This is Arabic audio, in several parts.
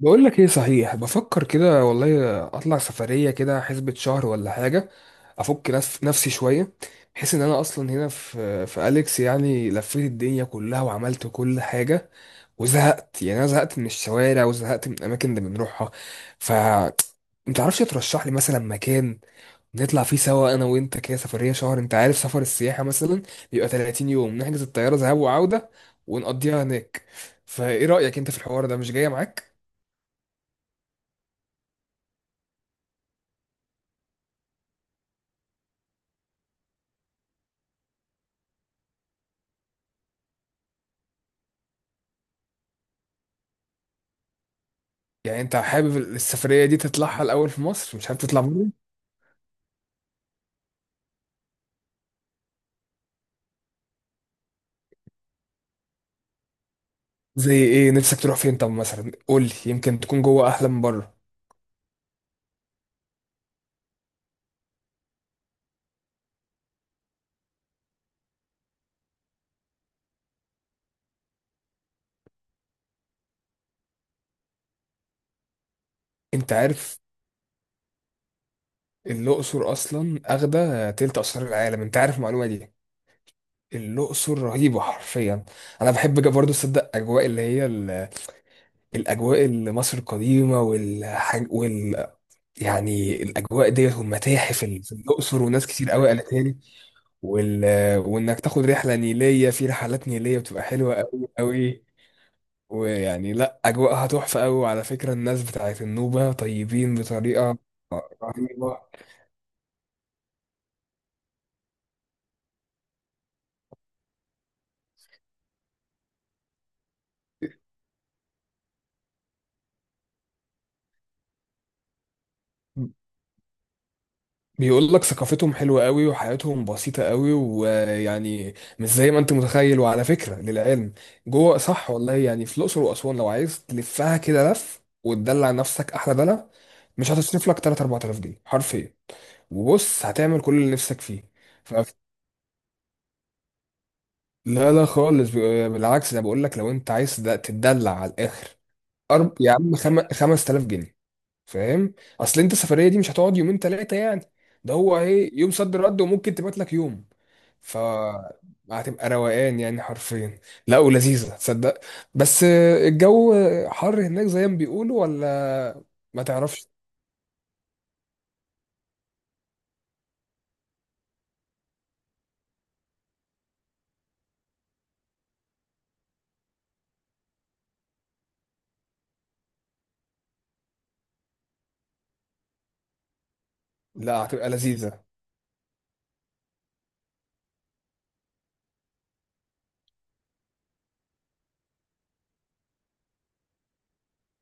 بقول لك ايه، صحيح بفكر كده والله، اطلع سفريه كده حسبة شهر ولا حاجه. افك نفسي شويه. بحيث ان انا اصلا هنا في اليكس، يعني لفيت الدنيا كلها وعملت كل حاجه وزهقت. يعني انا زهقت من الشوارع وزهقت من الاماكن اللي بنروحها. ف انت عارفش ترشح لي مثلا مكان نطلع فيه سوا انا وانت، كده سفريه شهر؟ انت عارف سفر السياحه مثلا بيبقى 30 يوم، نحجز الطياره ذهاب وعوده ونقضيها هناك. فايه رايك انت في الحوار ده؟ مش جايه معاك؟ يعني انت حابب السفرية دي تطلعها الأول في مصر، مش حابب تطلع بره؟ زي ايه نفسك تروح فين؟ طب مثلا قول لي، يمكن تكون جوه أحلى من بره. انت عارف الأقصر أصلا أخدة تلت آثار العالم؟ انت عارف المعلومة دي؟ الأقصر رهيبة حرفيا. أنا بحب برضه أصدق أجواء اللي هي الأجواء اللي مصر القديمة والحاج يعني الأجواء ديت والمتاحف اللي في الأقصر، وناس كتير قوي قالت لي وال... وإنك تاخد رحلة نيلية، في رحلات نيلية بتبقى حلوة قوي قوي. ويعني لا، اجواءها تحفه قوي، وعلى فكره الناس بتاعت النوبه طيبين بطريقه رهيبه. بيقول لك ثقافتهم حلوه قوي وحياتهم بسيطه قوي، ويعني مش زي ما انت متخيل. وعلى فكره للعلم، جوه صح والله. يعني في الاقصر واسوان لو عايز تلفها كده لف وتدلع نفسك احلى دلع، مش هتصرف لك 3 4000 جنيه حرفيا. وبص هتعمل كل اللي نفسك فيه. ف... لا لا خالص، بالعكس، انا بقول لك، لو انت عايز تتدلع على الاخر، يا عم، 5000 جنيه، فاهم؟ اصل انت السفريه دي مش هتقعد يومين ثلاثه يعني، ده هو ايه، يوم صد رد وممكن تبات لك يوم. ف هتبقى روقان يعني حرفيا. لا، ولذيذه تصدق. بس الجو حر هناك زي ما بيقولوا، ولا ما تعرفش؟ لا، هتبقى لذيذه.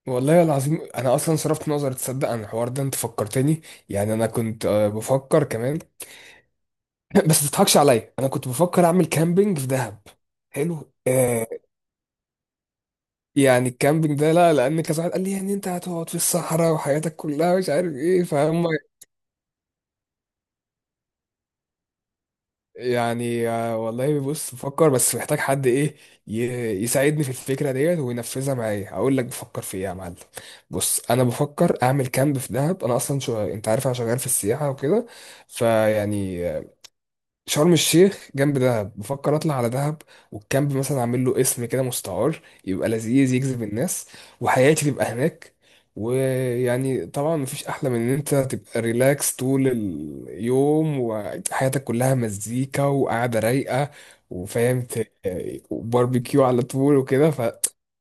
والله العظيم انا اصلا صرفت نظر تصدق عن الحوار ده، انت فكرتني. يعني انا كنت بفكر كمان. بس ما تضحكش عليا، انا كنت بفكر اعمل كامبينج في دهب. حلو يعني الكامبينج ده، لا، لان كذا واحد قال لي يعني انت هتقعد في الصحراء وحياتك كلها مش عارف ايه، فهم. يعني والله بص بفكر، بس محتاج حد ايه، ي- يساعدني في الفكره ديت وينفذها معايا. اقول لك بفكر في ايه يا معلم؟ بص، انا بفكر اعمل كامب في دهب. انا اصلا شو، انت عارف انا شغال في السياحه وكده، فيعني شرم الشيخ جنب دهب، بفكر اطلع على دهب والكامب مثلا اعمل له اسم كده مستعار يبقى لذيذ يجذب الناس، وحياتي تبقى هناك. ويعني طبعا مفيش احلى من ان انت تبقى ريلاكس طول اليوم وحياتك كلها مزيكا وقعده رايقه. وفاهم وباربيكيو على طول وكده.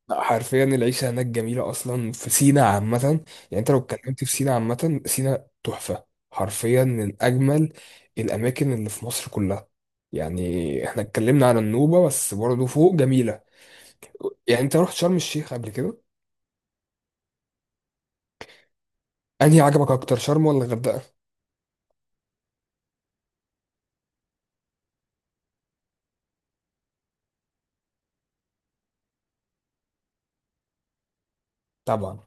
لا، حرفيا العيشه هناك جميله اصلا، في سينا عامه. يعني انت لو اتكلمت في سينا عامه، سينا تحفه حرفيا، من اجمل الأماكن اللي في مصر كلها. يعني احنا اتكلمنا على النوبة بس، برضه فوق جميلة. يعني انت رحت شرم الشيخ قبل كده؟ انهي عجبك اكتر، شرم ولا الغردقة؟ طبعا.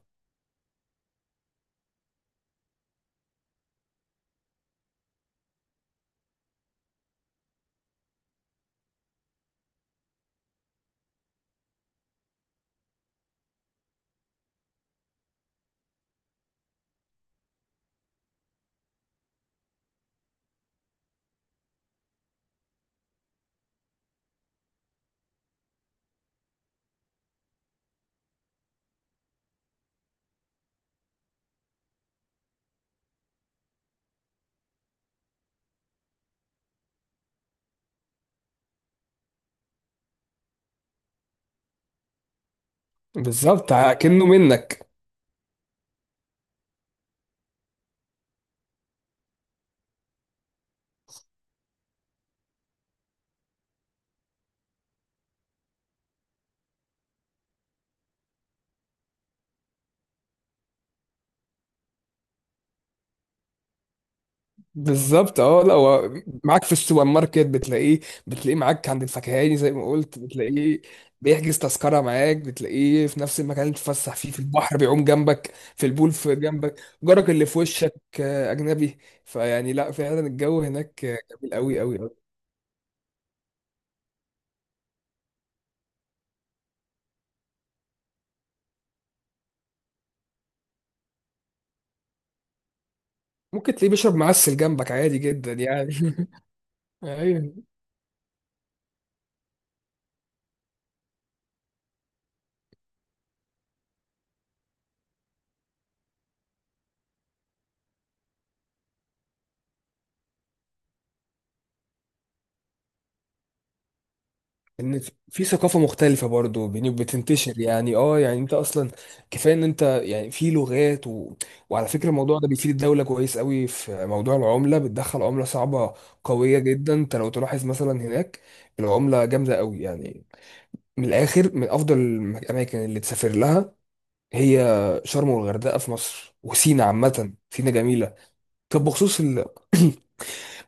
بالظبط، كأنه منك. بالظبط، اه لا هو معاك في السوبر ماركت، بتلاقيه معاك عند الفكهاني زي ما قلت، بتلاقيه بيحجز تذكرة معاك، بتلاقيه في نفس المكان اللي تتفسح فيه في البحر، بيعوم جنبك في البول، في جنبك جارك اللي في وشك أجنبي. فيعني لا، فعلا الجو هناك جميل قوي قوي. ممكن تلاقيه بيشرب معسل جنبك عادي جدا يعني. ايوه. ان في ثقافه مختلفه برضو بتنتشر، يعني اه، يعني انت اصلا كفايه ان انت يعني في لغات وعلى فكره الموضوع ده بيفيد الدوله كويس قوي في موضوع العمله، بتدخل عمله صعبه قويه جدا. انت لو تلاحظ مثلا هناك العمله جامده قوي يعني. من الاخر، من افضل الاماكن اللي تسافر لها هي شرم والغردقه في مصر، وسينا عامه سينا جميله. طب بخصوص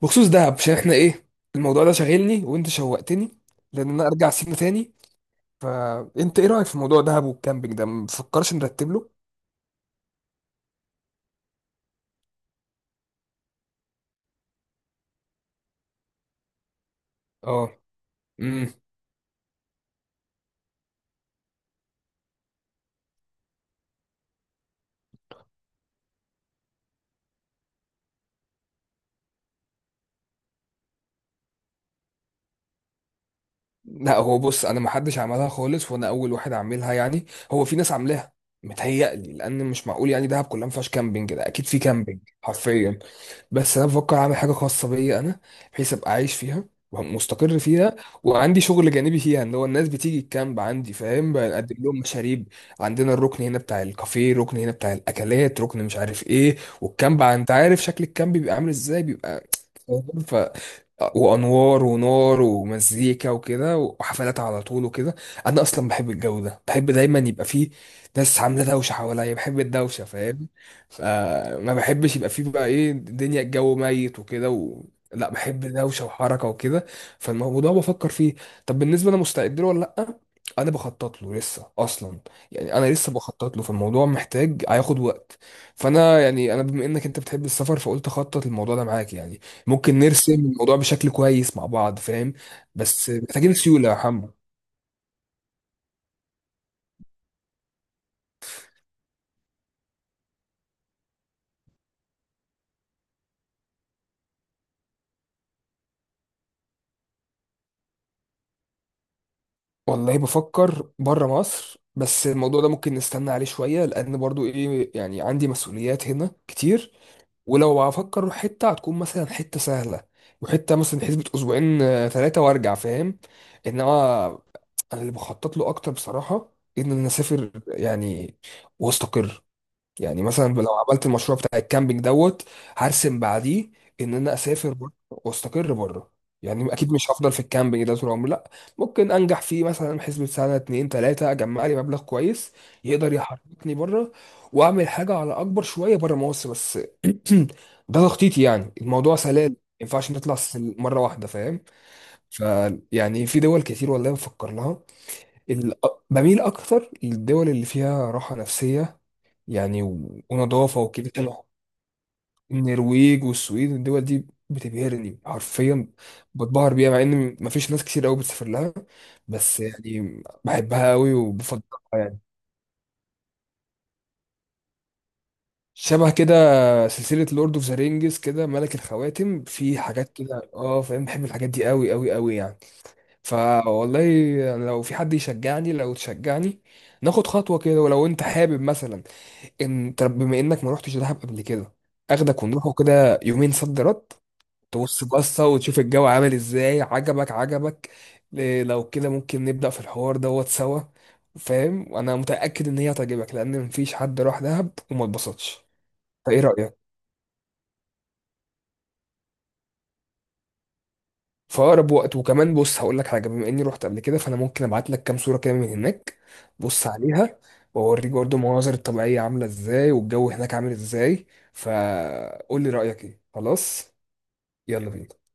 بخصوص دهب، عشان احنا ايه، الموضوع ده شاغلني وانت شوقتني لان انا ارجع سينا تاني. فانت ايه رايك في موضوع دهب والكامبينج ده؟ مفكرش نرتب له؟ اه. امم. لا هو بص، انا ما حدش عملها خالص وانا اول واحد عاملها يعني. هو في ناس عاملاها متهيألي، لان مش معقول يعني دهب كلها ما فيهاش كامبينج، ده اكيد في كامبينج حرفيا. بس انا بفكر اعمل حاجه خاصه بيا انا، بحيث ابقى عايش فيها ومستقر فيها، وعندي شغل جانبي فيها، ان هو الناس بتيجي الكامب عندي، فاهم، بقدم لهم مشاريب. عندنا الركن هنا بتاع الكافيه، ركن هنا بتاع الاكلات، ركن مش عارف ايه. والكامب انت عارف شكل الكامب بيبقى عامل ازاي، بيبقى فاهم؟ وانوار ونار ومزيكا وكده، وحفلات على طول وكده. انا اصلا بحب الجو ده، بحب دايما يبقى فيه ناس عامله دوشه حواليا، بحب الدوشه فاهم. فما بحبش يبقى فيه بقى ايه، الدنيا الجو ميت وكده لا، بحب دوشه وحركه وكده. فالموضوع بفكر فيه. طب بالنسبه انا مستعد له ولا لا؟ انا بخطط له لسه اصلا. يعني انا لسه بخطط له، فالموضوع محتاج هياخد وقت. فانا يعني، انا بما انك انت بتحب السفر، فقلت اخطط الموضوع ده معاك يعني، ممكن نرسم الموضوع بشكل كويس مع بعض، فاهم. بس محتاجين سيولة يا حمو. والله بفكر بره مصر، بس الموضوع ده ممكن نستنى عليه شوية، لأن برضو إيه يعني، عندي مسؤوليات هنا كتير. ولو هفكر أروح حتة، هتكون مثلا حتة سهلة، وحتة مثلا حسبة أسبوعين ثلاثة وأرجع، فاهم؟ إنما أنا اللي بخطط له أكتر بصراحة، إن أنا أسافر يعني وأستقر. يعني مثلا لو عملت المشروع بتاع الكامبينج دوت، هرسم بعديه ان انا اسافر بره واستقر بره. يعني اكيد مش هفضل في الكامبينج ده طول عمري، لا. ممكن انجح فيه مثلا حسبة سنه اتنين تلاته، اجمع لي مبلغ كويس يقدر يحركني بره، واعمل حاجه على اكبر شويه بره مصر. بس ده تخطيطي يعني، الموضوع سلال، ما ينفعش نطلع مره واحده، فاهم. فيعني في دول كتير والله بفكر لها. ال- بميل اكتر للدول اللي فيها راحه نفسيه يعني، ونظافة وكده كانوا. النرويج والسويد والدول دي بتبهرني حرفيا، بتبهر بيها، مع ان مفيش ناس كتير قوي بتسافر لها، بس يعني بحبها قوي وبفضلها. يعني شبه كده سلسلة لورد اوف ذا رينجز كده، ملك الخواتم، في حاجات كده اه، فاهم، بحب الحاجات دي قوي قوي قوي يعني. فوالله، يعني لو في حد يشجعني، لو تشجعني، ناخد خطوة كده. ولو انت حابب مثلا، ان طب بما انك ما رحتش دهب قبل كده، اخدك ونروحوا كده يومين صد رد، تبص بصة وتشوف الجو عامل ازاي. عجبك عجبك، إيه، لو كده ممكن نبدأ في الحوار دوت سوا، فاهم. وانا متأكد ان هي هتعجبك، لان مفيش حد راح دهب وما اتبسطش. فايه رأيك؟ في اقرب وقت. وكمان بص هقول لك حاجة، بما اني رحت قبل كده، فانا ممكن ابعت لك كام صورة كده من هناك، بص عليها، واوريك برضه المناظر الطبيعية عاملة ازاي والجو هناك عامل ازاي. فقول لي رأيك ايه، خلاص؟ يلا بينا.